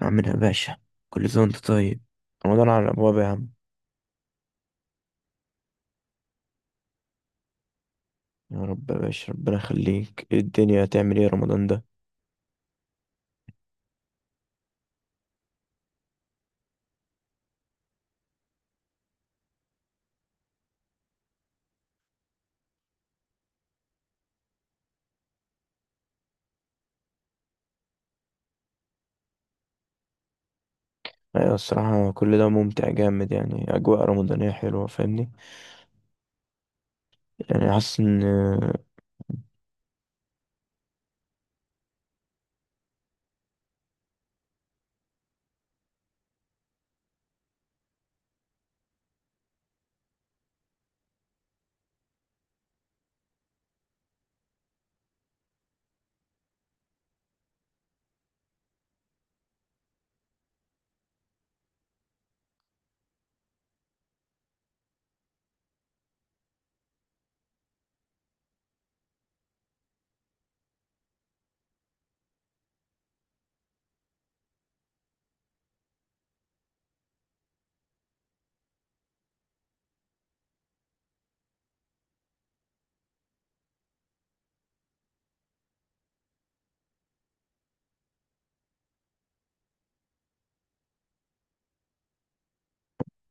عامل يا باشا؟ كل سنة وانت طيب. رمضان على الأبواب يا عم. يا رب يا باشا، ربنا يخليك. ايه الدنيا، هتعمل ايه رمضان ده؟ أيوة، الصراحة كل ده ممتع جامد، يعني أجواء رمضانية حلوة، فاهمني؟ يعني حاسس إن،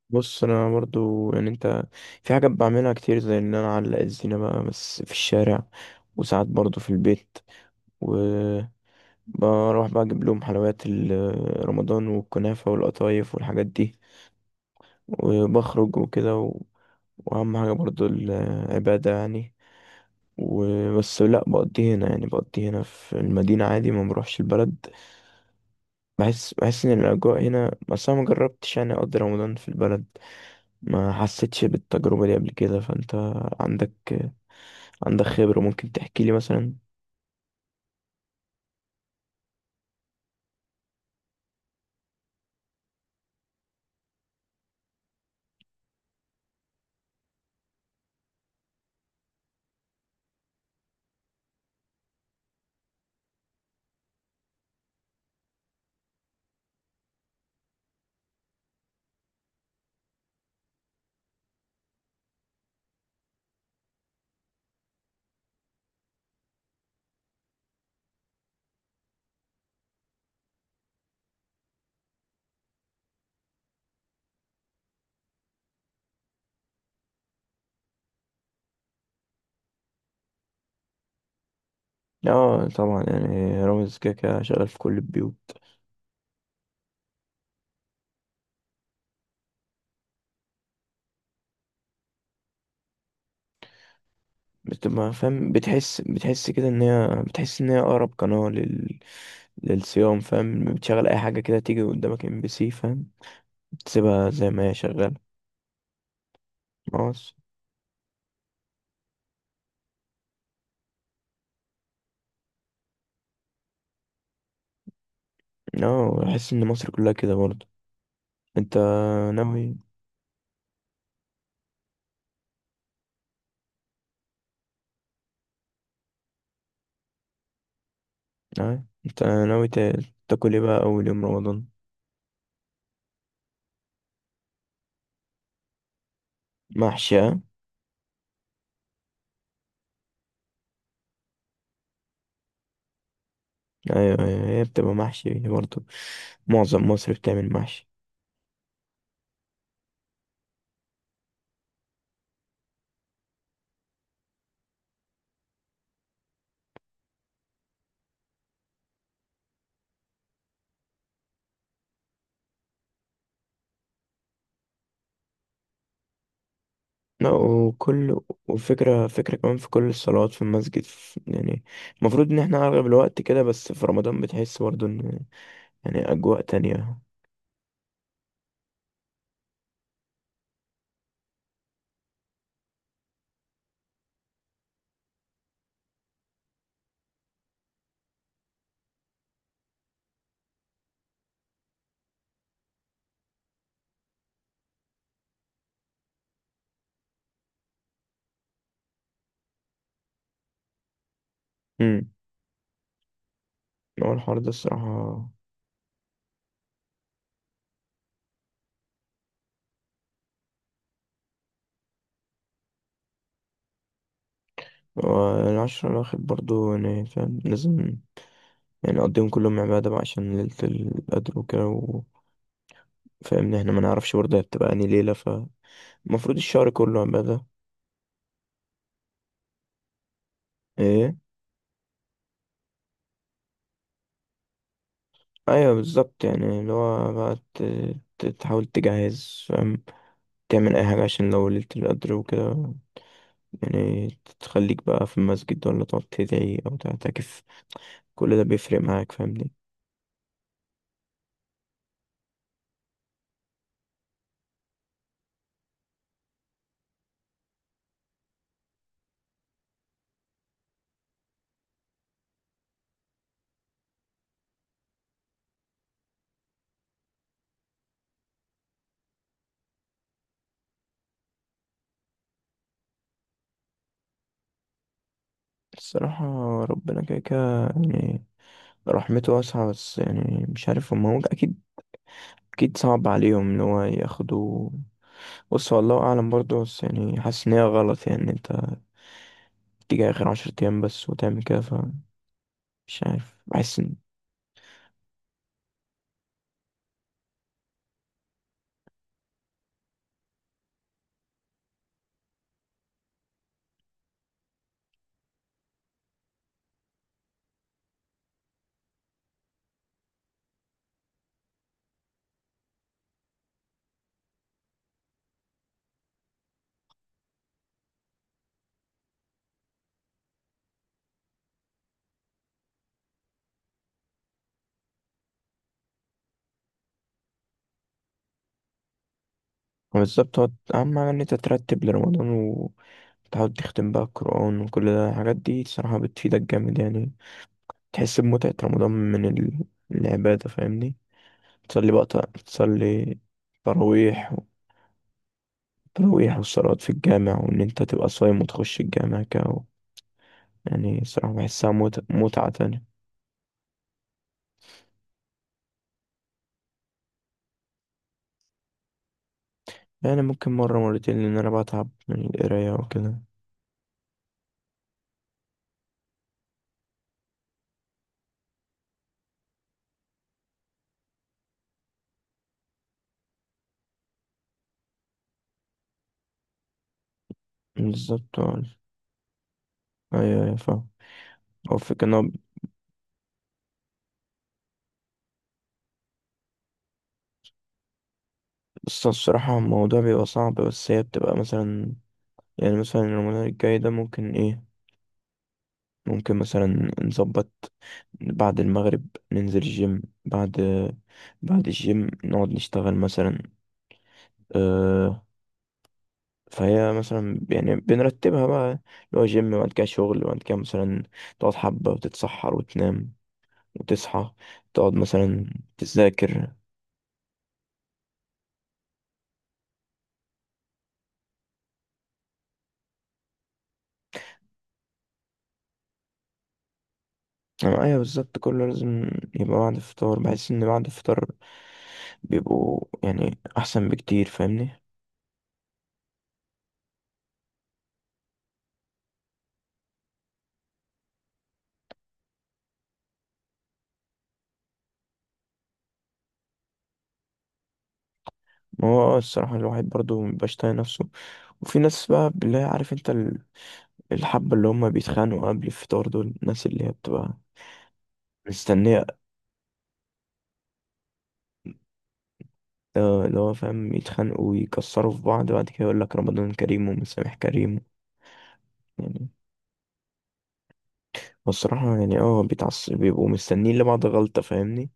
بص أنا برضو يعني أنت، في حاجات بعملها كتير زي إن أنا أعلق الزينة بقى بس في الشارع، وساعات برضو في البيت، و بروح بقى أجيب لهم حلويات رمضان والكنافة والقطايف والحاجات دي، وبخرج وكده. واهم حاجه برضو العباده يعني. وبس لا بقضي هنا، يعني بقضي هنا في المدينه عادي، ما بروحش البلد. بحس ان الاجواء هنا، بس انا ما جربتش يعني اقضي رمضان في البلد، ما حسيتش بالتجربه دي قبل كده. فانت عندك عندك خبره، ممكن تحكي لي مثلا. اه طبعا، يعني رامز كده كده شغال في كل البيوت. بتبقى فاهم، بتحس كده ان هي بتحس ان هي اقرب قناه للصيام، فاهم؟ بتشغل اي حاجه كده تيجي قدامك ام بي سي، فاهم؟ تسيبها زي ما هي شغالة. خلاص. اه، احس ان مصر كلها كده برضه. انت ناوي، اه انت ناوي تا- تاكل ايه بقى اول يوم رمضان؟ محشي، اه. ايوه ايوه، هي بتبقى محشي برضه، معظم مصر بتعمل محشي. لا، وكل، وفكرة فكرة كمان في كل الصلوات في المسجد، في يعني المفروض ان احنا اغلب الوقت كده، بس في رمضان بتحس برضه ان، يعني اجواء تانية. امم هو الحوار ده الصراحة. والعشرة الواحد برضه يعني فاهم، لازم يعني نقضيهم كلهم عبادة بقى عشان ليلة القدر وكده و، فاهمني؟ احنا ما نعرفش برضه هي بتبقى انهي ليلة، فالمفروض الشهر كله عبادة. ايه؟ ايوه بالظبط، يعني اللي هو بقى تحاول تجهز، فاهم؟ تعمل اي حاجة عشان لو ليلة القدر وكده، يعني تخليك بقى في المسجد، ولا تقعد تدعي او تعتكف، كل ده بيفرق معاك فاهمني. الصراحة ربنا كده كده يعني رحمته واسعة، بس يعني مش عارف هما، هو أكيد، أكيد صعب عليهم إن هو ياخدوا. بص هو الله اعلم برضه، بس يعني حاسس ان هي غلط، يعني إن انت تيجي اخر عشر ايام بس وتعمل كده، فمش عارف، بحس ان، هو بالظبط، هو اهم حاجه ان انت ترتب لرمضان، وتحاول تختم بقى القران وكل ده. الحاجات دي الصراحه بتفيدك جامد يعني، تحس بمتعه رمضان من العباده، فاهمني؟ تصلي بقى، تصلي تراويح، تراويح والصلوات في الجامع، وان انت تبقى صايم وتخش الجامع كده. يعني الصراحه بحسها متعه تانية. يعني ممكن مرة مرتين، لأن أنا بتعب من القراية وكده. بالظبط اه. ايوه ايوه فاهم. هو الفكرة ان هو، بس الصراحة الموضوع بيبقى صعب، بس هي بتبقى مثلا، يعني مثلا رمضان الجاي ده ممكن ايه، ممكن مثلا نظبط بعد المغرب ننزل الجيم، بعد بعد الجيم نقعد نشتغل مثلا. أه، فهي مثلا يعني بنرتبها بقى، اللي هو جيم وبعد كده شغل وبعد كده مثلا تقعد حبة وتتسحر وتنام، وتصحى تقعد مثلا تذاكر. آه، ايوه بالظبط كله لازم يبقى بعد الفطار. بحس ان بعد الفطار بيبقوا يعني احسن بكتير، فاهمني؟ ما هو آه، الصراحه الواحد برضو مبيبقاش طايق نفسه. وفي ناس بقى اللي هي عارف انت الحبه اللي هم بيتخانقوا قبل الفطار، دول الناس اللي هي بتبقى مستنيه. آه، اللي هو فاهم يتخانقوا ويكسروا في بعض، بعد كده يقول لك رمضان كريم ومسامح كريم. يعني والصراحه يعني اه بيتعصب، بيبقوا مستنيين لبعض غلطه، فاهمني؟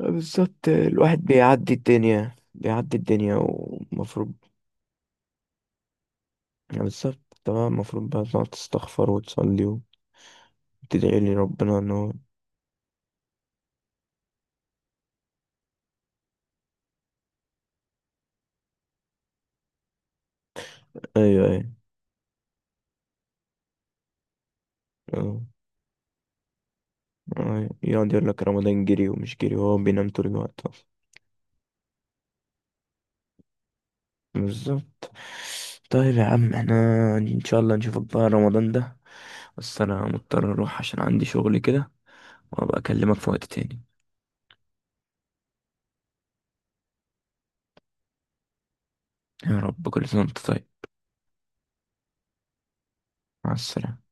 آه، بالظبط. آه، الواحد بيعدي الدنيا، بيعدي الدنيا ومفروض يعني بالظبط، طبعا المفروض بقى تقعد تستغفر وتصلي وتدعي لي ربنا ان هو. ايوه ايوه اه. أيوة. يقعد يقول لك رمضان جري ومش جري، وهو بينام طول الوقت اصلا. بالظبط. طيب يا عم، احنا ان شاء الله نشوفك بقى رمضان ده، بس انا مضطر اروح عشان عندي شغل كده، وابقى اكلمك في وقت تاني. يا رب، كل سنة وانت طيب. مع السلامة.